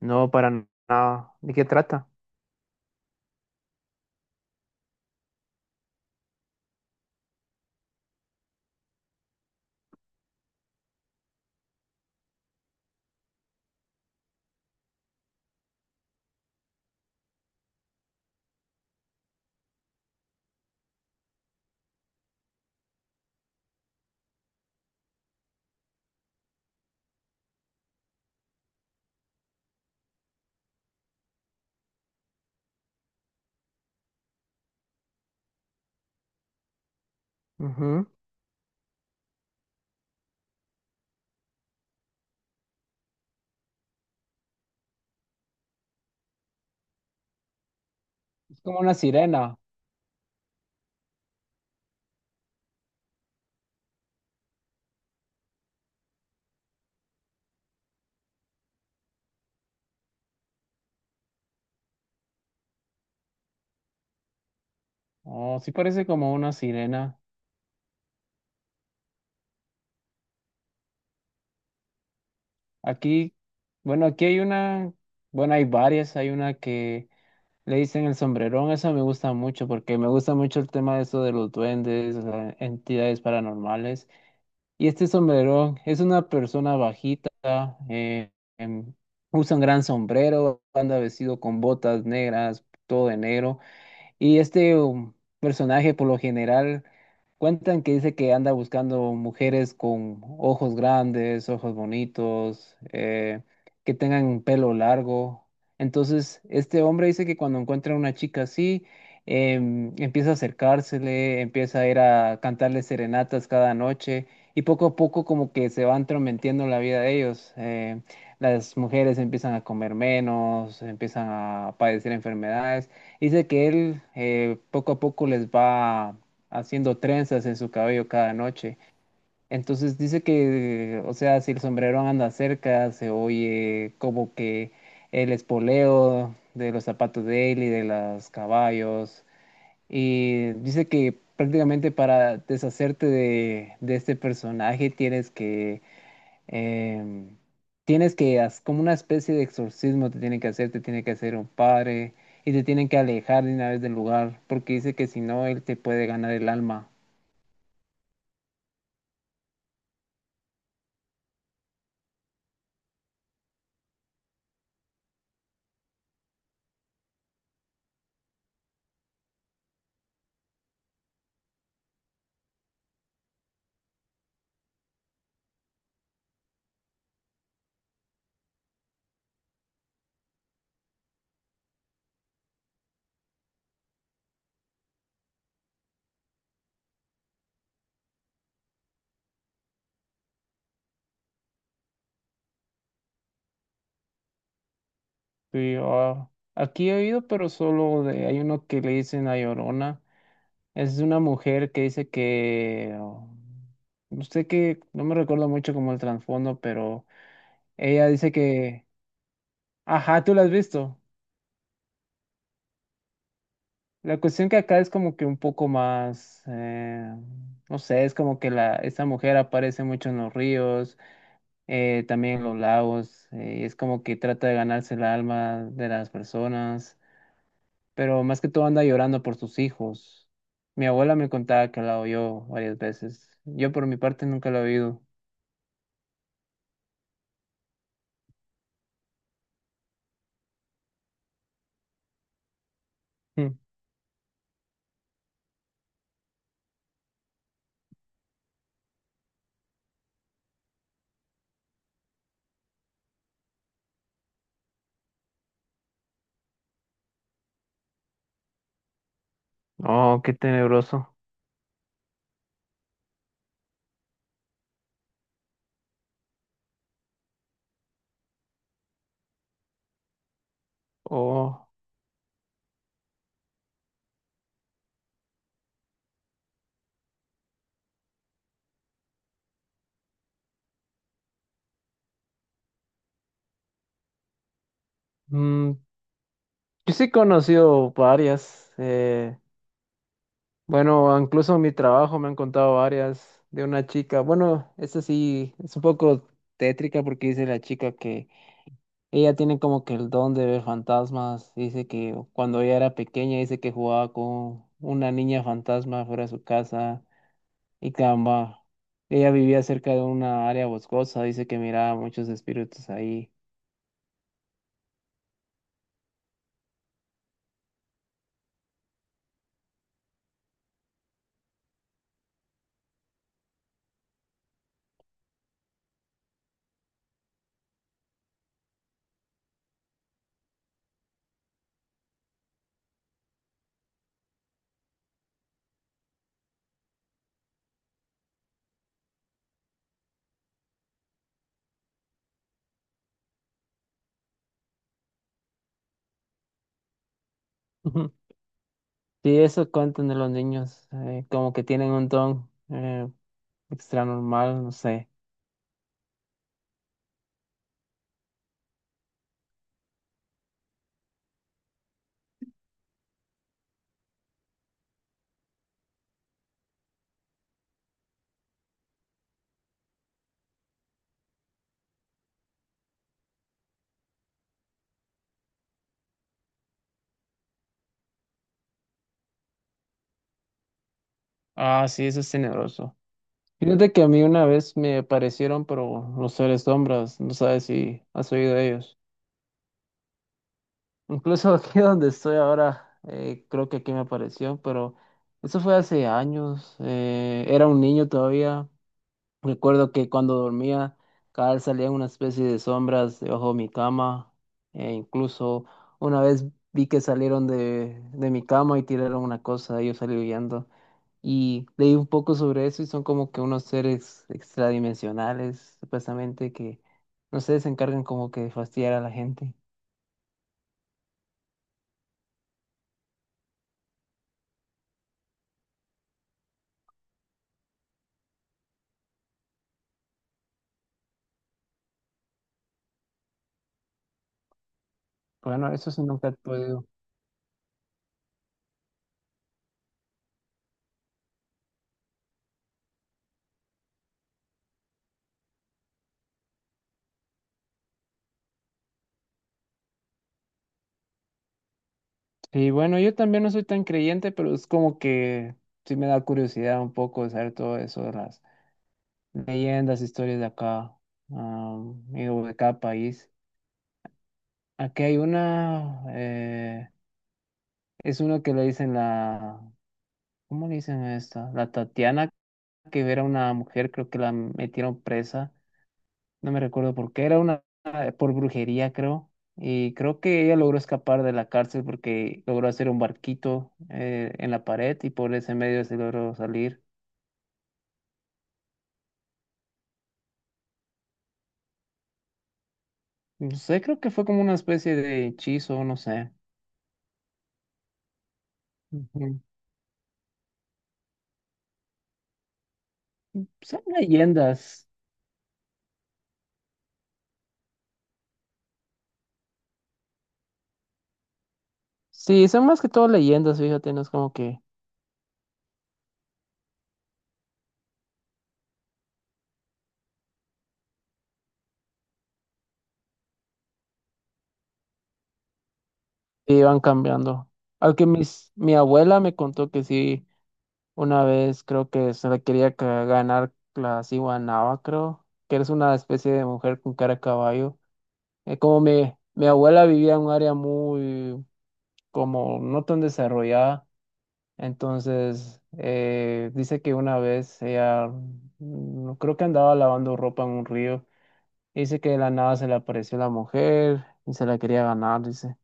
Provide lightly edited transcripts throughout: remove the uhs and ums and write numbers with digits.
No, para nada. ¿De qué trata? Ujú. Es como una sirena. Oh, sí parece como una sirena. Aquí, bueno, aquí hay una, bueno, hay varias. Hay una que le dicen el sombrerón. Esa me gusta mucho porque me gusta mucho el tema de eso de los duendes, las entidades paranormales. Y este sombrerón es una persona bajita, eh, em, usa un gran sombrero, anda vestido con botas negras, todo de negro. Y personaje, por lo general, cuentan que dice que anda buscando mujeres con ojos grandes, ojos bonitos, que tengan pelo largo. Entonces, este hombre dice que cuando encuentra una chica así, empieza a acercársele, empieza a ir a cantarle serenatas cada noche y poco a poco como que se va entrometiendo en la vida de ellos. Las mujeres empiezan a comer menos, empiezan a padecer enfermedades. Dice que él poco a poco les va haciendo trenzas en su cabello cada noche. Entonces dice que, o sea, si el sombrero anda cerca, se oye como que el espoleo de los zapatos de él y de los caballos. Y dice que prácticamente para deshacerte de este personaje eh, tienes que, como una especie de exorcismo te tiene que hacer, te tiene que hacer un padre y te tienen que alejar de una vez del lugar, porque dice que si no, él te puede ganar el alma. Sí, ah, aquí he oído, pero solo de, hay uno que le dicen La Llorona. Es una mujer que dice que, oh, no sé qué, no me recuerdo mucho como el trasfondo, pero ella dice que, ajá, tú la has visto. La cuestión que acá es como que un poco más, no sé, es como que la, esta mujer aparece mucho en los ríos, también en los lagos, y es como que trata de ganarse el alma de las personas, pero más que todo anda llorando por sus hijos. Mi abuela me contaba que la oyó varias veces. Yo por mi parte nunca la he oído. Mm. Oh, qué tenebroso. Oh, mm, yo sí he conocido varias. Bueno, incluso en mi trabajo me han contado varias de una chica. Bueno, esta sí es un poco tétrica porque dice la chica que ella tiene como que el don de ver fantasmas. Dice que cuando ella era pequeña, dice que jugaba con una niña fantasma fuera de su casa y caramba, ella vivía cerca de una área boscosa. Dice que miraba muchos espíritus ahí. Ujú. Sí, eso cuentan de los niños, como que tienen un don extra normal, no sé. Ah, sí, eso es tenebroso. Fíjate que a mí una vez me aparecieron, pero los seres sombras, no sabes si has oído de ellos. Incluso aquí donde estoy ahora, creo que aquí me apareció, pero eso fue hace años, era un niño todavía. Recuerdo que cuando dormía, cada vez salían una especie de sombras debajo de mi cama, e incluso una vez vi que salieron de mi cama y tiraron una cosa, yo salí huyendo. Y leí un poco sobre eso y son como que unos seres extradimensionales, supuestamente, que no sé, se encargan como que de fastidiar a la gente. Bueno, eso sí nunca he podido. Y bueno, yo también no soy tan creyente, pero es como que sí me da curiosidad un poco de saber todo eso de las leyendas, historias de acá, y de cada país. Aquí hay una, es uno que le dicen la, ¿cómo le dicen a esta? La Tatiana, que era una mujer, creo que la metieron presa, no me recuerdo por qué, era una, por brujería, creo. Y creo que ella logró escapar de la cárcel porque logró hacer un barquito en la pared y por ese medio se logró salir. No sé, creo que fue como una especie de hechizo, no sé. Ujú. Son leyendas. Sí, son más que todo leyendas, fíjate, no es como que iban cambiando. Aunque mi abuela me contó que sí, una vez creo que se le quería ganar la Ciguanaba, creo, que eres una especie de mujer con cara de caballo. Como mi abuela vivía en un área muy, como no tan desarrollada, entonces dice que una vez ella, mm, creo que andaba lavando ropa en un río, dice que de la nada se le apareció la mujer y se la quería ganar, dice.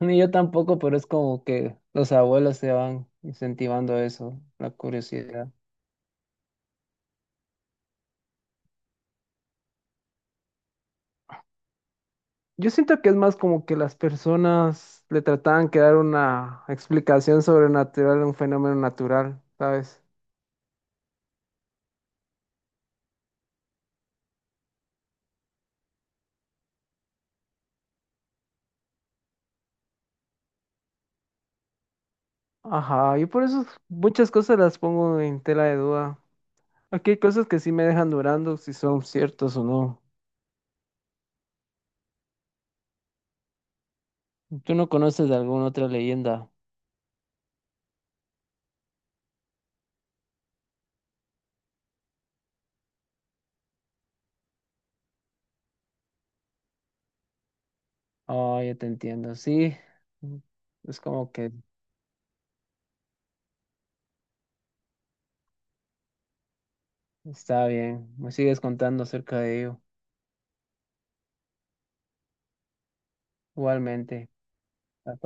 Ni yo tampoco, pero es como que los abuelos se van incentivando eso, la curiosidad. Yo siento que es más como que las personas le trataban que dar una explicación sobrenatural a un fenómeno natural, ¿sabes? Ajá, yo por eso muchas cosas las pongo en tela de duda. Aquí hay cosas que sí me dejan durando si son ciertos o no. ¿Tú no conoces de alguna otra leyenda? Oh, ya te entiendo, sí. Es como que está bien. Me sigues contando acerca de ello. Igualmente. Ah,